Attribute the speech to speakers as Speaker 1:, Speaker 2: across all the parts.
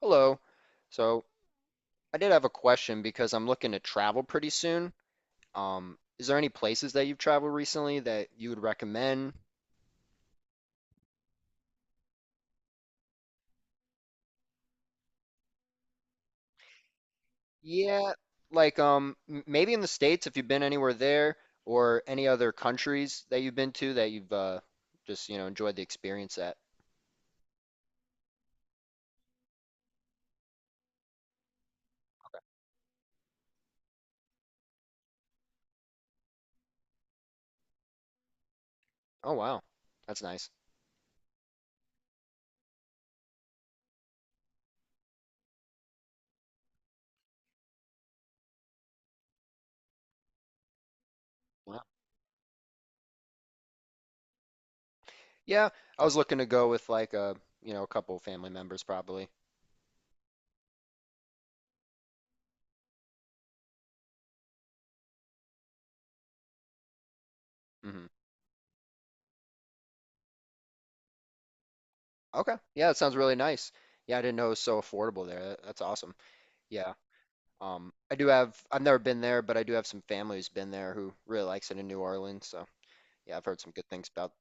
Speaker 1: Hello. So, I did have a question because I'm looking to travel pretty soon. Is there any places that you've traveled recently that you would recommend? Yeah, like maybe in the States if you've been anywhere there, or any other countries that you've been to that you've just, enjoyed the experience at. Oh wow. That's nice. Wow. Yeah, I was looking to go with a couple of family members probably. Hmm. Okay, yeah, that sounds really nice. Yeah, I didn't know it was so affordable there. That's awesome. Yeah. I've never been there, but I do have some family who's been there who really likes it in New Orleans. So yeah, I've heard some good things about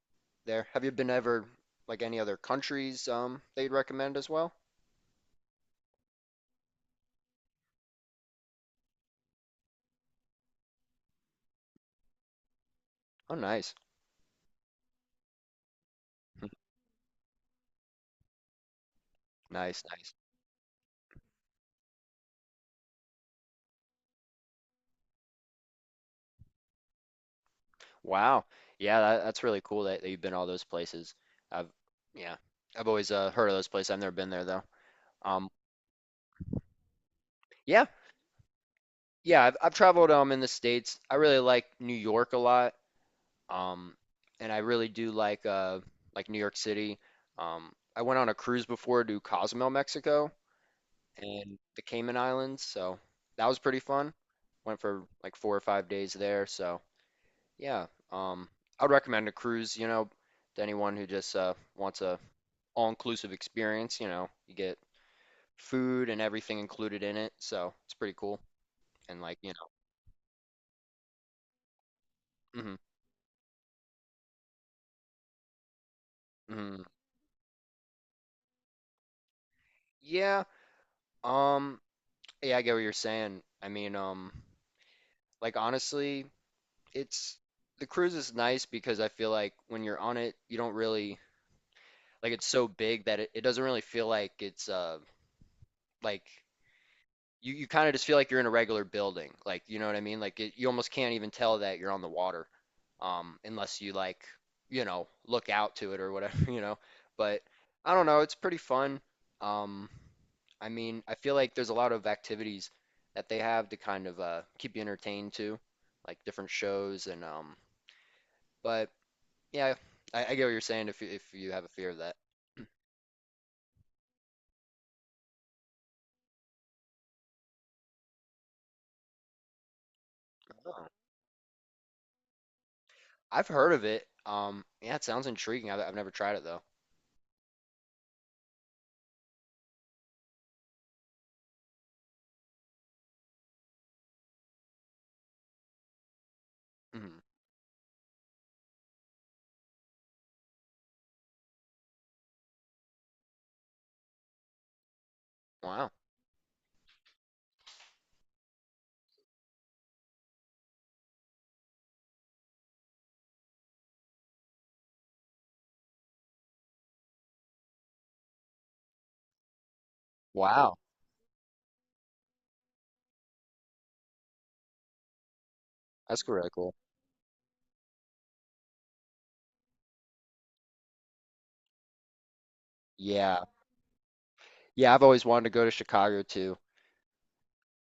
Speaker 1: there. Have you been ever like any other countries that you'd recommend as well? Oh, nice. Nice, nice. Wow. Yeah, that's really cool that, that you've been all those places. I've yeah, I've always heard of those places. I've never been there though. Um, yeah, yeah. I've traveled in the States. I really like New York a lot. Um, and I really do like New York City. I went on a cruise before to Cozumel, Mexico, and the Cayman Islands, so that was pretty fun. Went for like 4 or 5 days there, so yeah. I would recommend a cruise, you know, to anyone who just wants a all-inclusive experience. You know, you get food and everything included in it, so it's pretty cool. And like, you know, mhm, mhm. Yeah. Um, yeah, I get what you're saying. I mean, like honestly. It's The cruise is nice because I feel like when you're on it, you don't really it's so big that it doesn't really feel like it's like you kind of just feel like you're in a regular building. Like, you know what I mean? Like you almost can't even tell that you're on the water unless you you know, look out to it or whatever, you know. But I don't know, it's pretty fun. Um I mean, I feel like there's a lot of activities that they have to kind of keep you entertained too, like different shows and but Yeah, I get what you're saying if if you have a fear of that. Oh. I've heard of it. Yeah, it sounds intriguing. I've never tried it though. Hmm. Wow. Wow. That's cool, really cool. Yeah. Yeah, I've always wanted to go to Chicago too.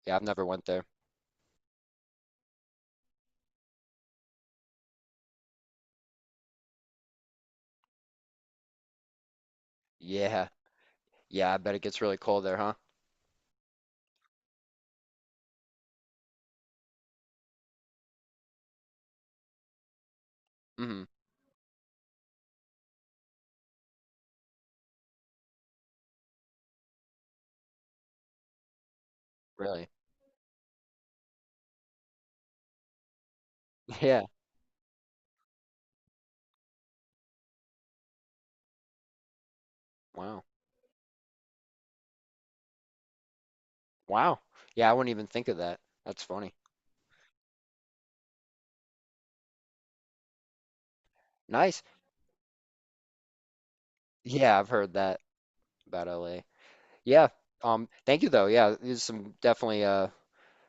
Speaker 1: Yeah, I've never went there. Yeah. Yeah, I bet it gets really cold there, huh? Hmm. Really? Yeah. Wow. Wow, Yeah, I wouldn't even think of that. That's funny. Nice. Yeah, I've heard that about LA. Yeah. Thank you though. Yeah, these are some definitely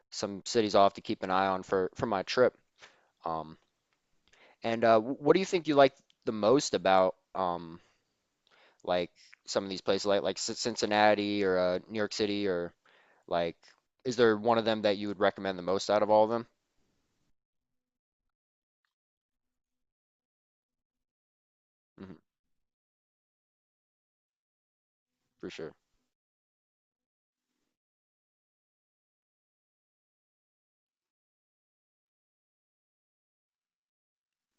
Speaker 1: some cities I'll have to keep an eye on for my trip. Um, what do you think you like the most about like some of these places, like Cincinnati or New York City, or like is there one of them that you would recommend the most out of all of them? Hmm, for sure.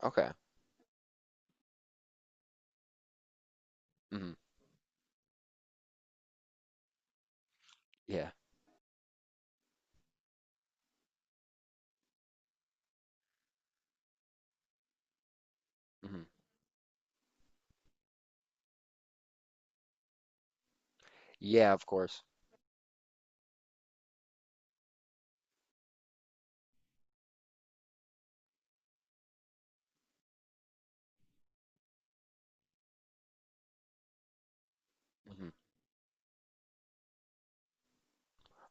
Speaker 1: Okay. Hmm. Yeah. Hmm. Yeah, of course. Hmm.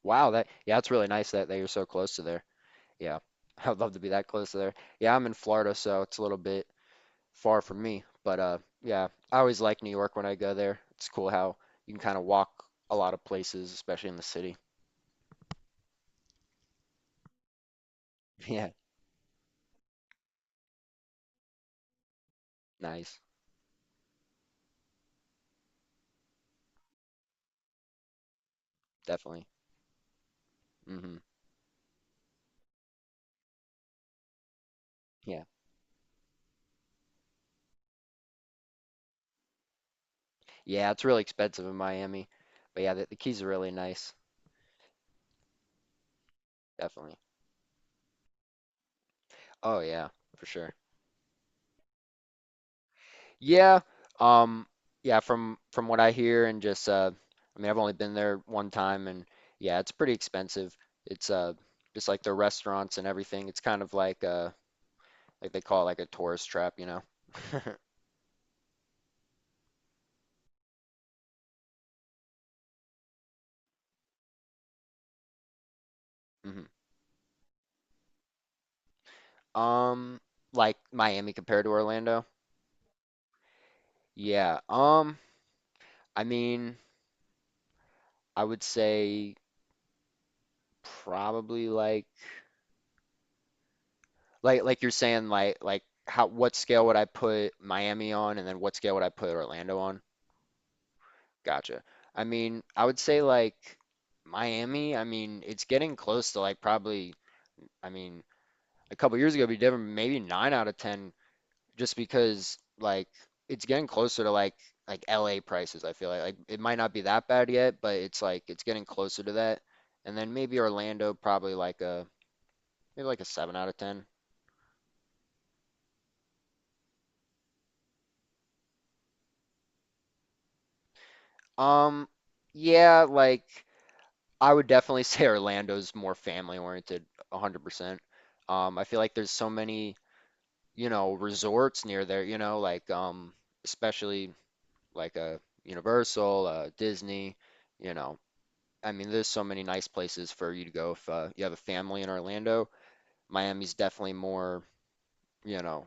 Speaker 1: Wow, that's really nice that that you're so close to there. Yeah, I'd love to be that close to there. Yeah, I'm in Florida, so it's a little bit far from me. But yeah, I always like New York when I go there. It's cool how you can kind of walk a lot of places, especially in the city. Yeah, nice, definitely. Hmm. Yeah, yeah, it's really expensive in Miami, but yeah, the Keys are really nice, definitely. Oh yeah, for sure. Yeah, um, yeah, from what I hear and just I mean, I've only been there one time, and yeah, it's pretty expensive. It's just like the restaurants and everything. It's kind of like they call it like a tourist trap, you know. Mhm. Um, like Miami compared to Orlando? Yeah. I mean, I would say probably like you're saying like, how, what scale would I put Miami on, and then what scale would I put Orlando on? Gotcha. I mean, I would say Miami, I mean, it's getting close to like probably I mean, a couple years ago it'd be different, maybe 9 out of 10 just because it's getting closer to LA prices, I feel like. Like it might not be that bad yet, but it's getting closer to that. And then maybe Orlando probably like a 7 out of 10. Um yeah, I would definitely say Orlando's more family oriented, 100%. Um, I feel like there's so many, you know, resorts near there, you know, like especially like a Universal, Disney, you know, I mean, there's so many nice places for you to go if you have a family in Orlando. Miami's definitely more, you know,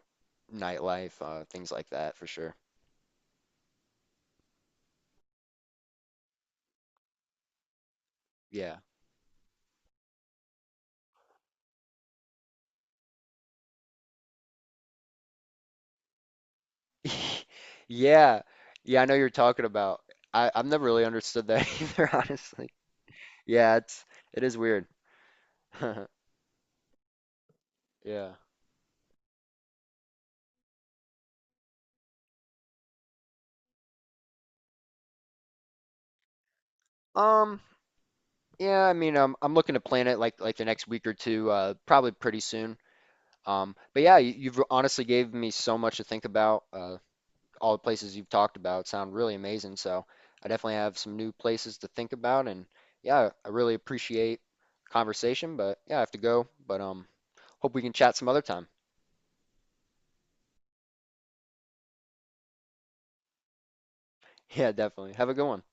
Speaker 1: nightlife, things like that for sure. Yeah. Yeah. Yeah, I know you're talking about. I've never really understood that either, honestly. Yeah, it is weird. Yeah. Um, yeah, I mean, I'm looking to plan it like the next week or two, probably pretty soon. But yeah, you've honestly gave me so much to think about. All the places you've talked about sound really amazing. So I definitely have some new places to think about. And yeah, I really appreciate conversation, but yeah, I have to go. But hope we can chat some other time. Yeah, definitely. Have a good one.